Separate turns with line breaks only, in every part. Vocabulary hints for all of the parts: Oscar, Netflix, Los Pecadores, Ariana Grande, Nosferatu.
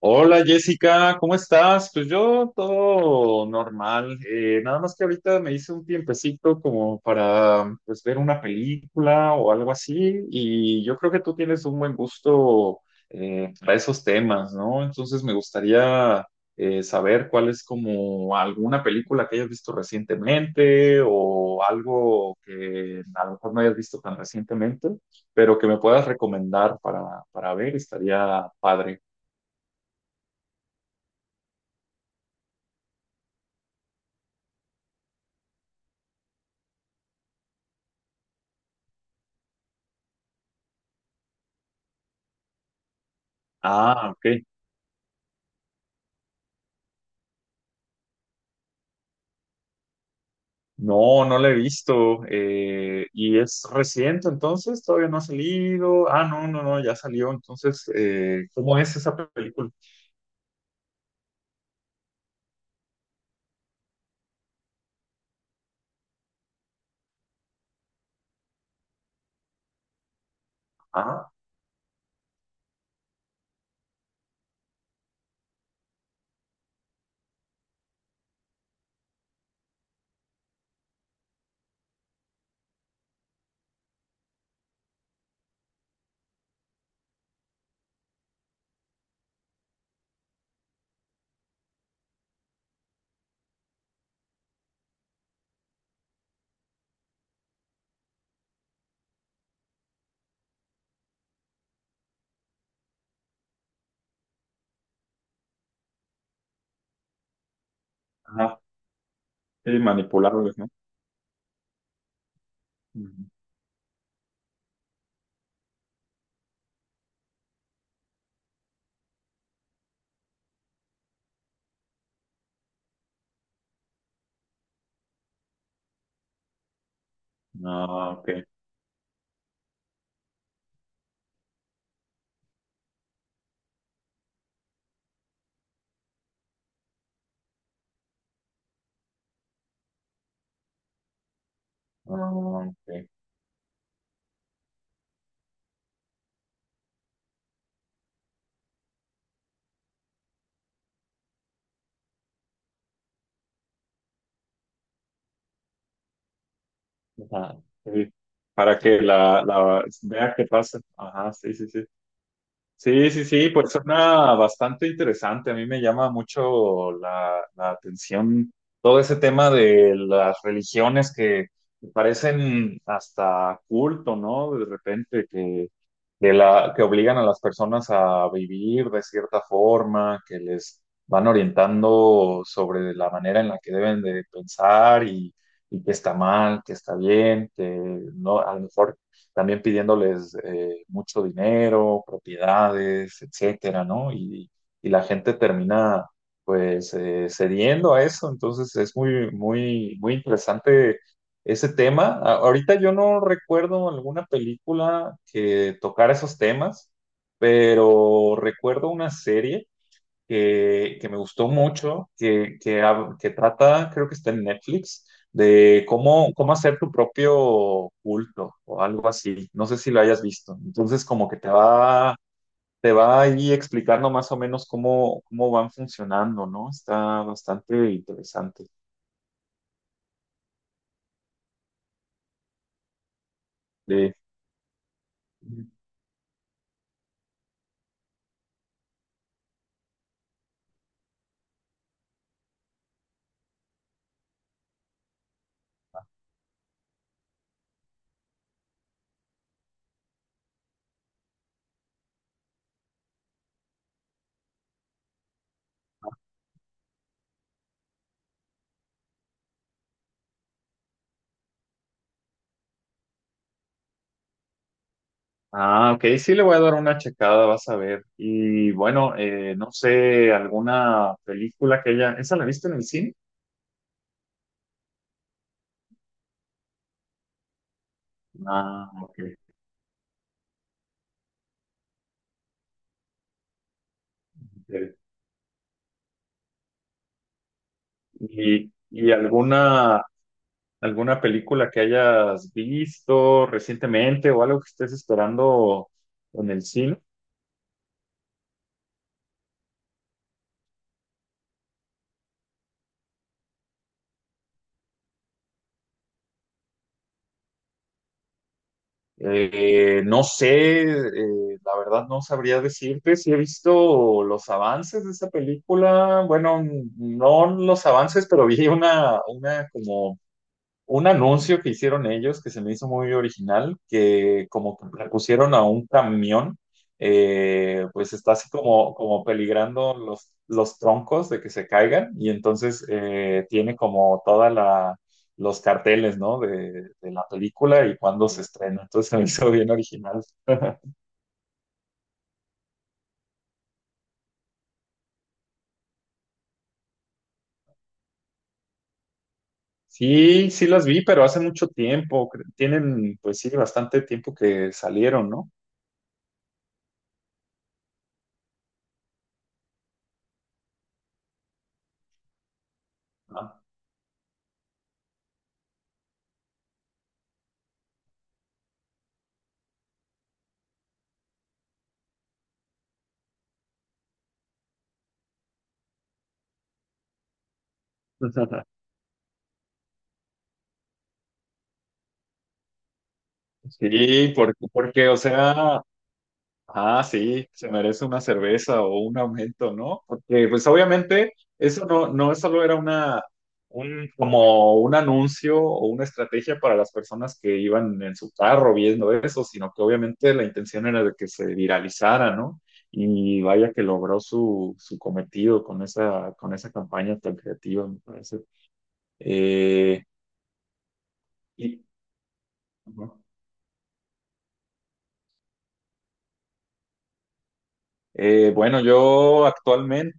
Hola Jessica, ¿cómo estás? Pues yo todo normal, nada más que ahorita me hice un tiempecito como para pues ver una película o algo así, y yo creo que tú tienes un buen gusto para esos temas, ¿no? Entonces me gustaría saber cuál es como alguna película que hayas visto recientemente o algo que a lo mejor no hayas visto tan recientemente, pero que me puedas recomendar para ver, estaría padre. Ah, ok. No, no la he visto. ¿Y es reciente entonces? ¿Todavía no ha salido? Ah, no, no, no, ya salió. Entonces, ¿cómo es esa película? Ah, ajá, sí, manipulables, ¿no? Ujú. Ah, ok. Ah, ok. Ajá, sí. Para que la vea qué pasa. Ajá, sí, sí, sí. Sí, sí, sí, pues suena bastante interesante. A mí me llama mucho la atención todo ese tema de las religiones que parecen hasta culto, ¿no? De repente que, que obligan a las personas a vivir de cierta forma, que les van orientando sobre la manera en la que deben de pensar, y que está mal, que está bien, que no, a lo mejor también pidiéndoles mucho dinero, propiedades, etcétera, ¿no? Y la gente termina pues cediendo a eso. Entonces es muy, muy, muy interesante ese tema. Ahorita yo no recuerdo alguna película que tocara esos temas, pero recuerdo una serie que me gustó mucho, que trata, creo que está en Netflix, de cómo, cómo hacer tu propio culto o algo así. No sé si lo hayas visto. Entonces, como que te va ahí explicando más o menos cómo, cómo van funcionando, ¿no? Está bastante interesante. De... Ah, ok, sí le voy a dar una checada, vas a ver. Y bueno, no sé, alguna película que ella, ¿esa la viste en el cine? Ah, ok. Ok. Y alguna, alguna película que hayas visto recientemente o algo que estés esperando en el cine? No sé, la verdad no sabría decirte si he visto los avances de esa película. Bueno, no los avances, pero vi una como un anuncio que hicieron ellos que se me hizo muy original, que como que le pusieron a un camión, pues está así como, como peligrando los troncos de que se caigan, y entonces tiene como toda la, los carteles, ¿no? De la película y cuándo se estrena. Entonces se me hizo bien original. Sí, sí las vi, pero hace mucho tiempo. Tienen, pues sí, bastante tiempo que salieron, ¿no? Ah. Sí, porque, porque, o sea, ah, sí, se merece una cerveza o un aumento, ¿no? Porque pues obviamente eso no, no solo era una, un, como un anuncio o una estrategia para las personas que iban en su carro viendo eso, sino que obviamente la intención era de que se viralizara, ¿no? Y vaya que logró su, su cometido con esa campaña tan creativa, me parece. Eh, y, bueno, yo actualmente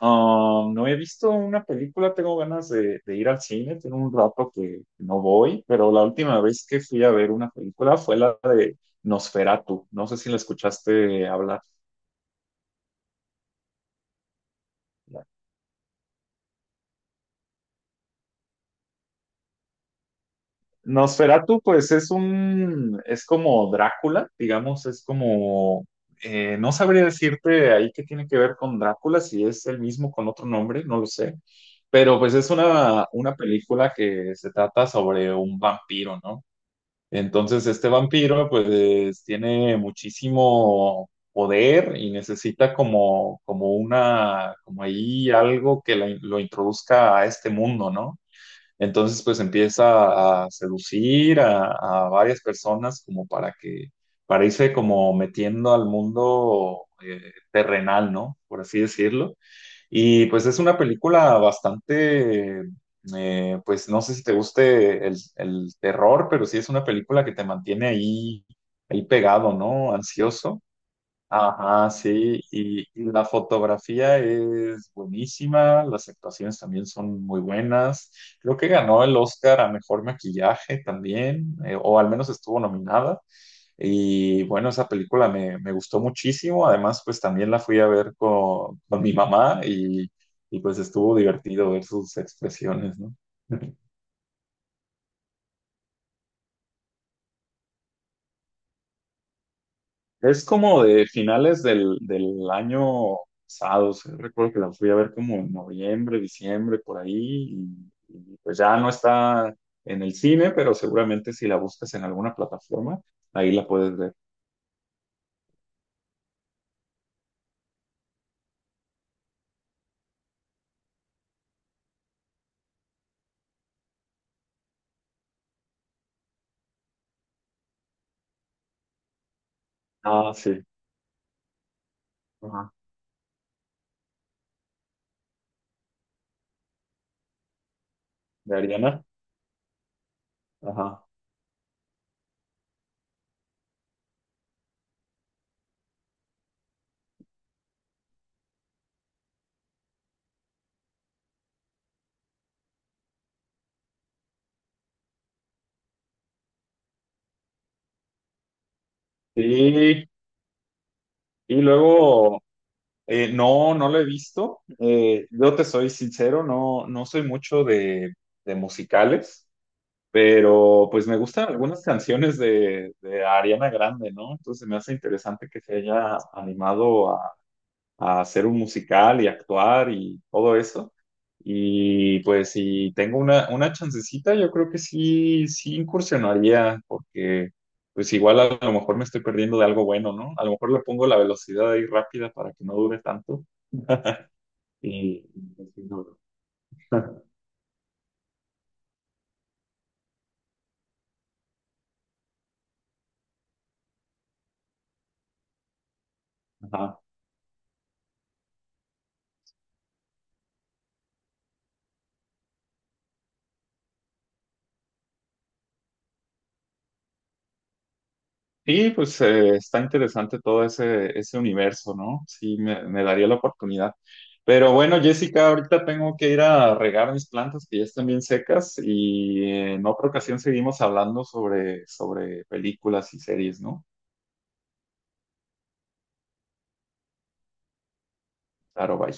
no he visto una película. Tengo ganas de ir al cine, tengo un rato que no voy, pero la última vez que fui a ver una película fue la de Nosferatu, no sé si la escuchaste hablar. Nosferatu, pues es un, es como Drácula, digamos, es como, no sabría decirte ahí qué tiene que ver con Drácula, si es el mismo con otro nombre, no lo sé, pero pues es una película que se trata sobre un vampiro, ¿no? Entonces este vampiro pues tiene muchísimo poder y necesita como, como una, como ahí algo que lo introduzca a este mundo, ¿no? Entonces, pues empieza a seducir a varias personas como para que, para irse como metiendo al mundo terrenal, ¿no? Por así decirlo. Y pues es una película bastante, pues no sé si te guste el terror, pero sí es una película que te mantiene ahí, ahí pegado, ¿no? Ansioso. Ajá, sí, y la fotografía es buenísima, las actuaciones también son muy buenas. Creo que ganó el Oscar a mejor maquillaje también, o al menos estuvo nominada. Y bueno, esa película me, me gustó muchísimo. Además, pues también la fui a ver con mi mamá, y pues estuvo divertido ver sus expresiones, ¿no? Es como de finales del, del año pasado, o sea, recuerdo que la fui a ver como en noviembre, diciembre, por ahí, y pues ya no está en el cine, pero seguramente si la buscas en alguna plataforma, ahí la puedes ver. Ah, sí, ajá, de Ariana, ajá. Sí, y luego, no, no lo he visto. Yo te soy sincero, no, no soy mucho de musicales, pero pues me gustan algunas canciones de Ariana Grande, ¿no? Entonces me hace interesante que se haya animado a hacer un musical y actuar y todo eso. Y pues si tengo una chancecita, yo creo que sí, sí incursionaría, porque pues igual a lo mejor me estoy perdiendo de algo bueno, ¿no? A lo mejor le pongo la velocidad ahí rápida para que no dure tanto. Y, y- Ajá. Y pues está interesante todo ese, ese universo, ¿no? Sí, me daría la oportunidad. Pero bueno, Jessica, ahorita tengo que ir a regar mis plantas que ya están bien secas, y en otra ocasión seguimos hablando sobre, sobre películas y series, ¿no? Claro, bye.